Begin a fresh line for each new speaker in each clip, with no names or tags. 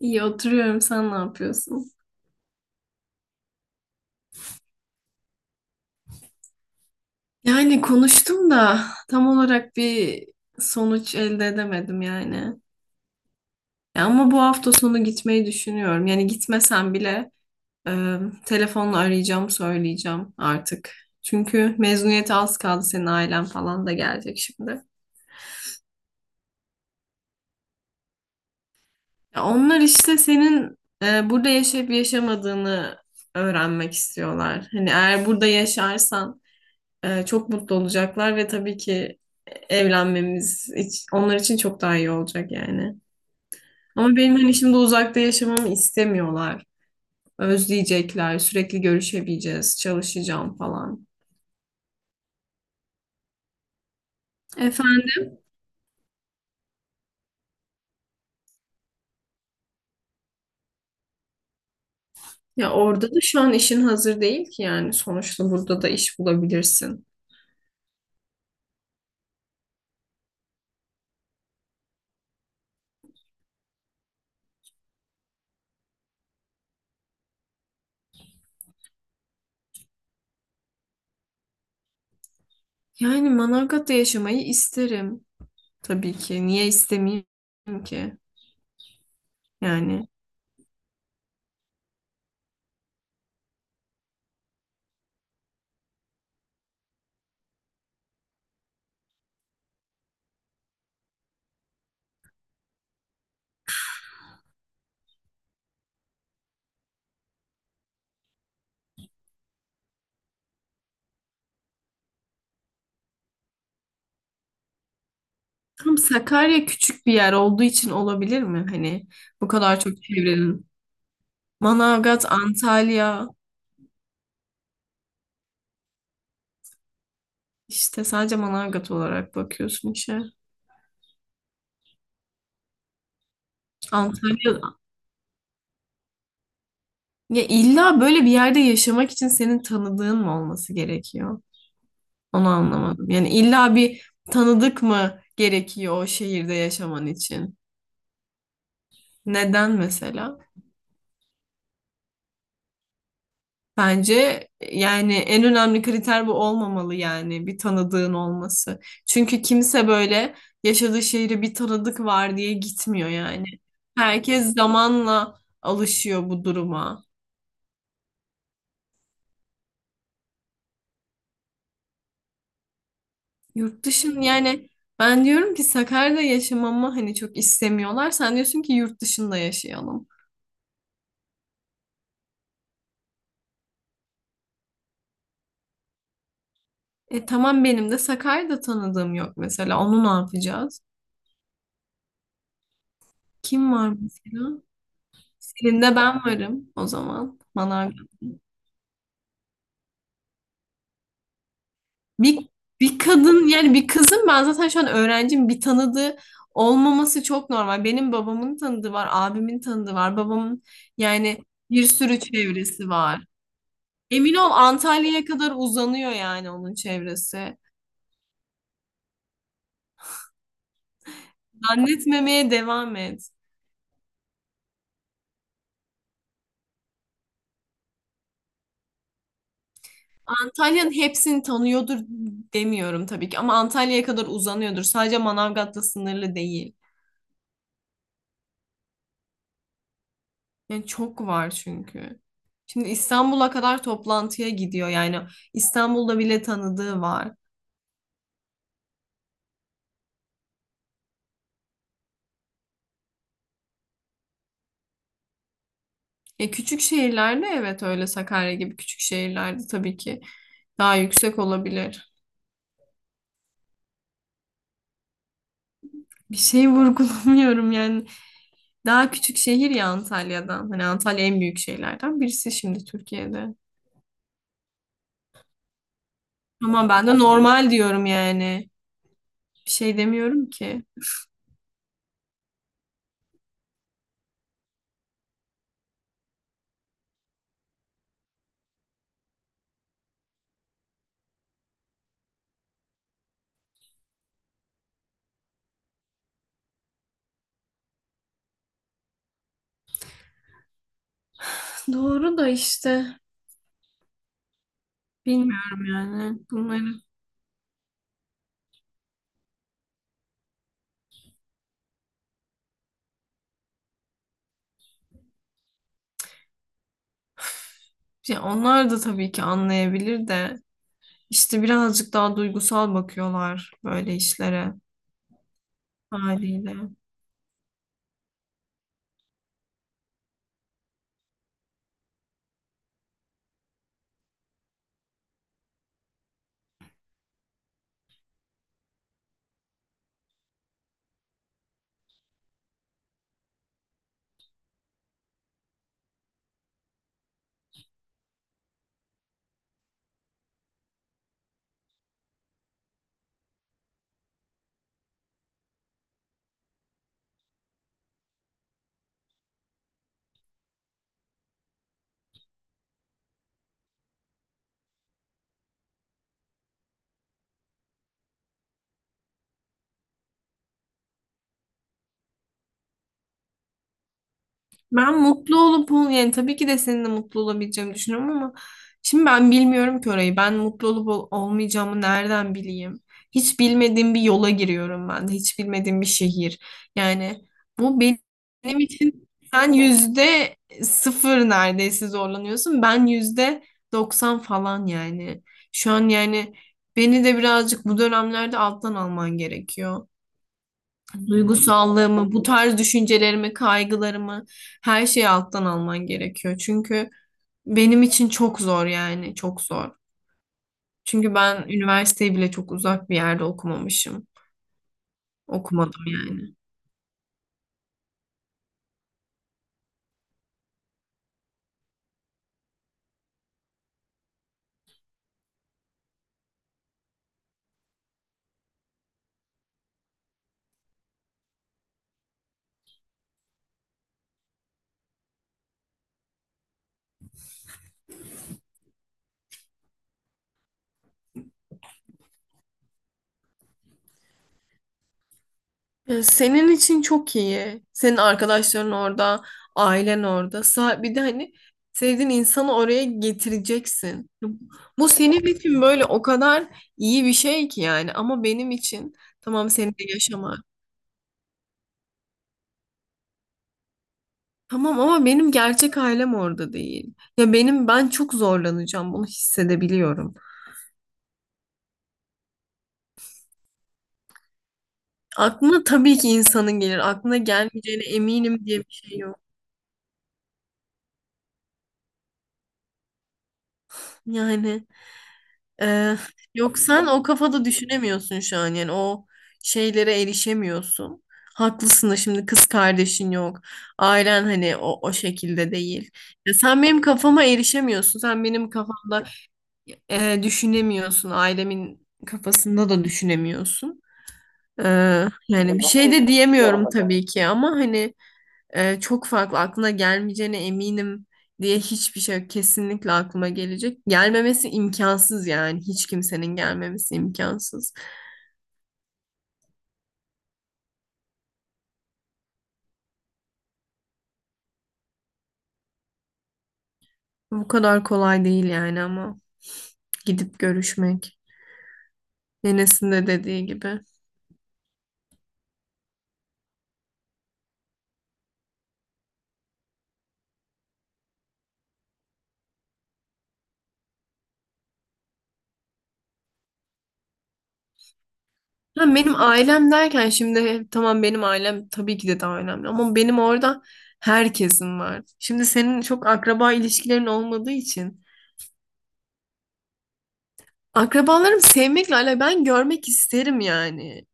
İyi oturuyorum. Sen ne yapıyorsun? Yani konuştum da tam olarak bir sonuç elde edemedim yani. Ya ama bu hafta sonu gitmeyi düşünüyorum. Yani gitmesem bile e, telefonla arayacağım, söyleyeceğim artık. Çünkü mezuniyete az kaldı. Senin ailen falan da gelecek şimdi. Ya onlar işte senin burada yaşayıp yaşamadığını öğrenmek istiyorlar. Hani eğer burada yaşarsan çok mutlu olacaklar ve tabii ki onlar için çok daha iyi olacak yani. Ama benim hani şimdi uzakta yaşamamı istemiyorlar. Özleyecekler, sürekli görüşebileceğiz, çalışacağım falan. Efendim, ya orada da şu an işin hazır değil ki yani sonuçta burada da iş bulabilirsin. Yani Manavgat'ta yaşamayı isterim. Tabii ki. Niye istemeyeyim ki? Yani tam Sakarya küçük bir yer olduğu için olabilir mi? Hani bu kadar çok çevrenin. Manavgat, Antalya. İşte sadece Manavgat olarak bakıyorsun işe. Antalya. Ya illa böyle bir yerde yaşamak için senin tanıdığın mı olması gerekiyor? Onu anlamadım. Yani illa bir tanıdık mı gerekiyor o şehirde yaşaman için? Neden mesela? Bence yani en önemli kriter bu olmamalı, yani bir tanıdığın olması. Çünkü kimse böyle yaşadığı şehre bir tanıdık var diye gitmiyor yani. Herkes zamanla alışıyor bu duruma. Yurt dışın yani ben diyorum ki Sakarya'da yaşamamı hani çok istemiyorlar. Sen diyorsun ki yurt dışında yaşayalım. E tamam, benim de Sakarya'da tanıdığım yok mesela. Onu ne yapacağız? Kim var mesela? Senin de ben varım o zaman. Bana Bir, bir kadın, yani bir kızın, ben zaten şu an öğrencim, bir tanıdığı olmaması çok normal. Benim babamın tanıdığı var, abimin tanıdığı var, babamın yani bir sürü çevresi var. Emin ol Antalya'ya kadar uzanıyor yani onun çevresi. Zannetmemeye devam et. Antalya'nın hepsini tanıyordur demiyorum tabii ki ama Antalya'ya kadar uzanıyordur. Sadece Manavgat'la sınırlı değil. Yani çok var çünkü. Şimdi İstanbul'a kadar toplantıya gidiyor. Yani İstanbul'da bile tanıdığı var. E küçük şehirlerde, evet, öyle Sakarya gibi küçük şehirlerde tabii ki daha yüksek olabilir. Bir şey vurgulamıyorum yani. Daha küçük şehir ya Antalya'dan. Hani Antalya en büyük şehirlerden birisi şimdi Türkiye'de. Ama ben de normal diyorum yani. Bir şey demiyorum ki. Doğru da işte bilmiyorum yani bunları. Ya onlar da tabii ki anlayabilir de işte birazcık daha duygusal bakıyorlar böyle işlere haliyle. Ben mutlu olup ol- Yani tabii ki de seninle mutlu olabileceğimi düşünüyorum ama şimdi ben bilmiyorum ki orayı. Ben mutlu olup ol- Olmayacağımı nereden bileyim? Hiç bilmediğim bir yola giriyorum ben de. Hiç bilmediğim bir şehir. Yani bu benim için, sen yüzde sıfır neredeyse zorlanıyorsun. Ben yüzde doksan falan yani. Şu an yani beni de birazcık bu dönemlerde alttan alman gerekiyor. Duygusallığımı, bu tarz düşüncelerimi, kaygılarımı, her şeyi alttan alman gerekiyor. Çünkü benim için çok zor yani, çok zor. Çünkü ben üniversiteyi bile çok uzak bir yerde okumamışım. Okumadım yani. Senin için çok iyi. Senin arkadaşların orada, ailen orada. Bir de hani sevdiğin insanı oraya getireceksin. Bu senin için böyle o kadar iyi bir şey ki yani. Ama benim için tamam senin de yaşam. Tamam ama benim gerçek ailem orada değil. Ya benim, ben çok zorlanacağım, bunu hissedebiliyorum. Aklına tabii ki insanın gelir. Aklına gelmeyeceğine eminim diye bir şey yok. Yani e, yok, sen o kafada düşünemiyorsun şu an yani o şeylere erişemiyorsun. Haklısın da şimdi kız kardeşin yok. Ailen hani o şekilde değil. Ya sen benim kafama erişemiyorsun. Sen benim kafamda düşünemiyorsun. Ailemin kafasında da düşünemiyorsun. Yani bir şey de diyemiyorum tabii ki ama hani çok farklı aklına gelmeyeceğine eminim diye hiçbir şey yok. Kesinlikle aklıma gelecek. Gelmemesi imkansız yani, hiç kimsenin gelmemesi imkansız. Bu kadar kolay değil yani ama, gidip görüşmek. Enes'in de dediği gibi. Ha, benim ailem derken, şimdi tamam benim ailem tabii ki de daha önemli ama benim orada herkesin var. Şimdi senin çok akraba ilişkilerin olmadığı için akrabalarımı sevmekle alakalı, ben görmek isterim yani.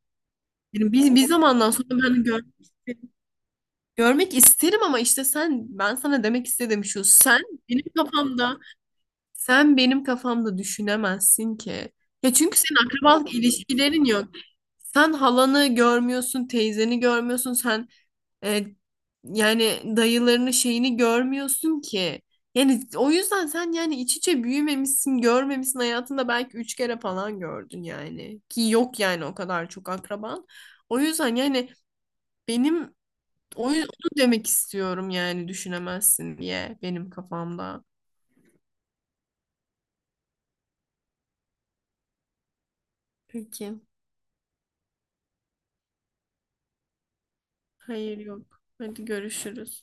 Yani bir, bir zamandan sonra ben görmek isterim ama işte sen, ben sana demek istedim şu, sen benim kafamda, sen benim kafamda düşünemezsin ki. Ya çünkü senin akrabalık ilişkilerin yok. Sen halanı görmüyorsun, teyzeni görmüyorsun, sen E, yani dayılarını şeyini görmüyorsun ki. Yani o yüzden sen yani iç içe büyümemişsin, görmemişsin, hayatında belki 3 kere falan gördün yani. Ki yok yani o kadar çok akraban. O yüzden yani benim onu demek istiyorum yani düşünemezsin diye benim kafamda. Peki. Hayır, yok. Hadi görüşürüz.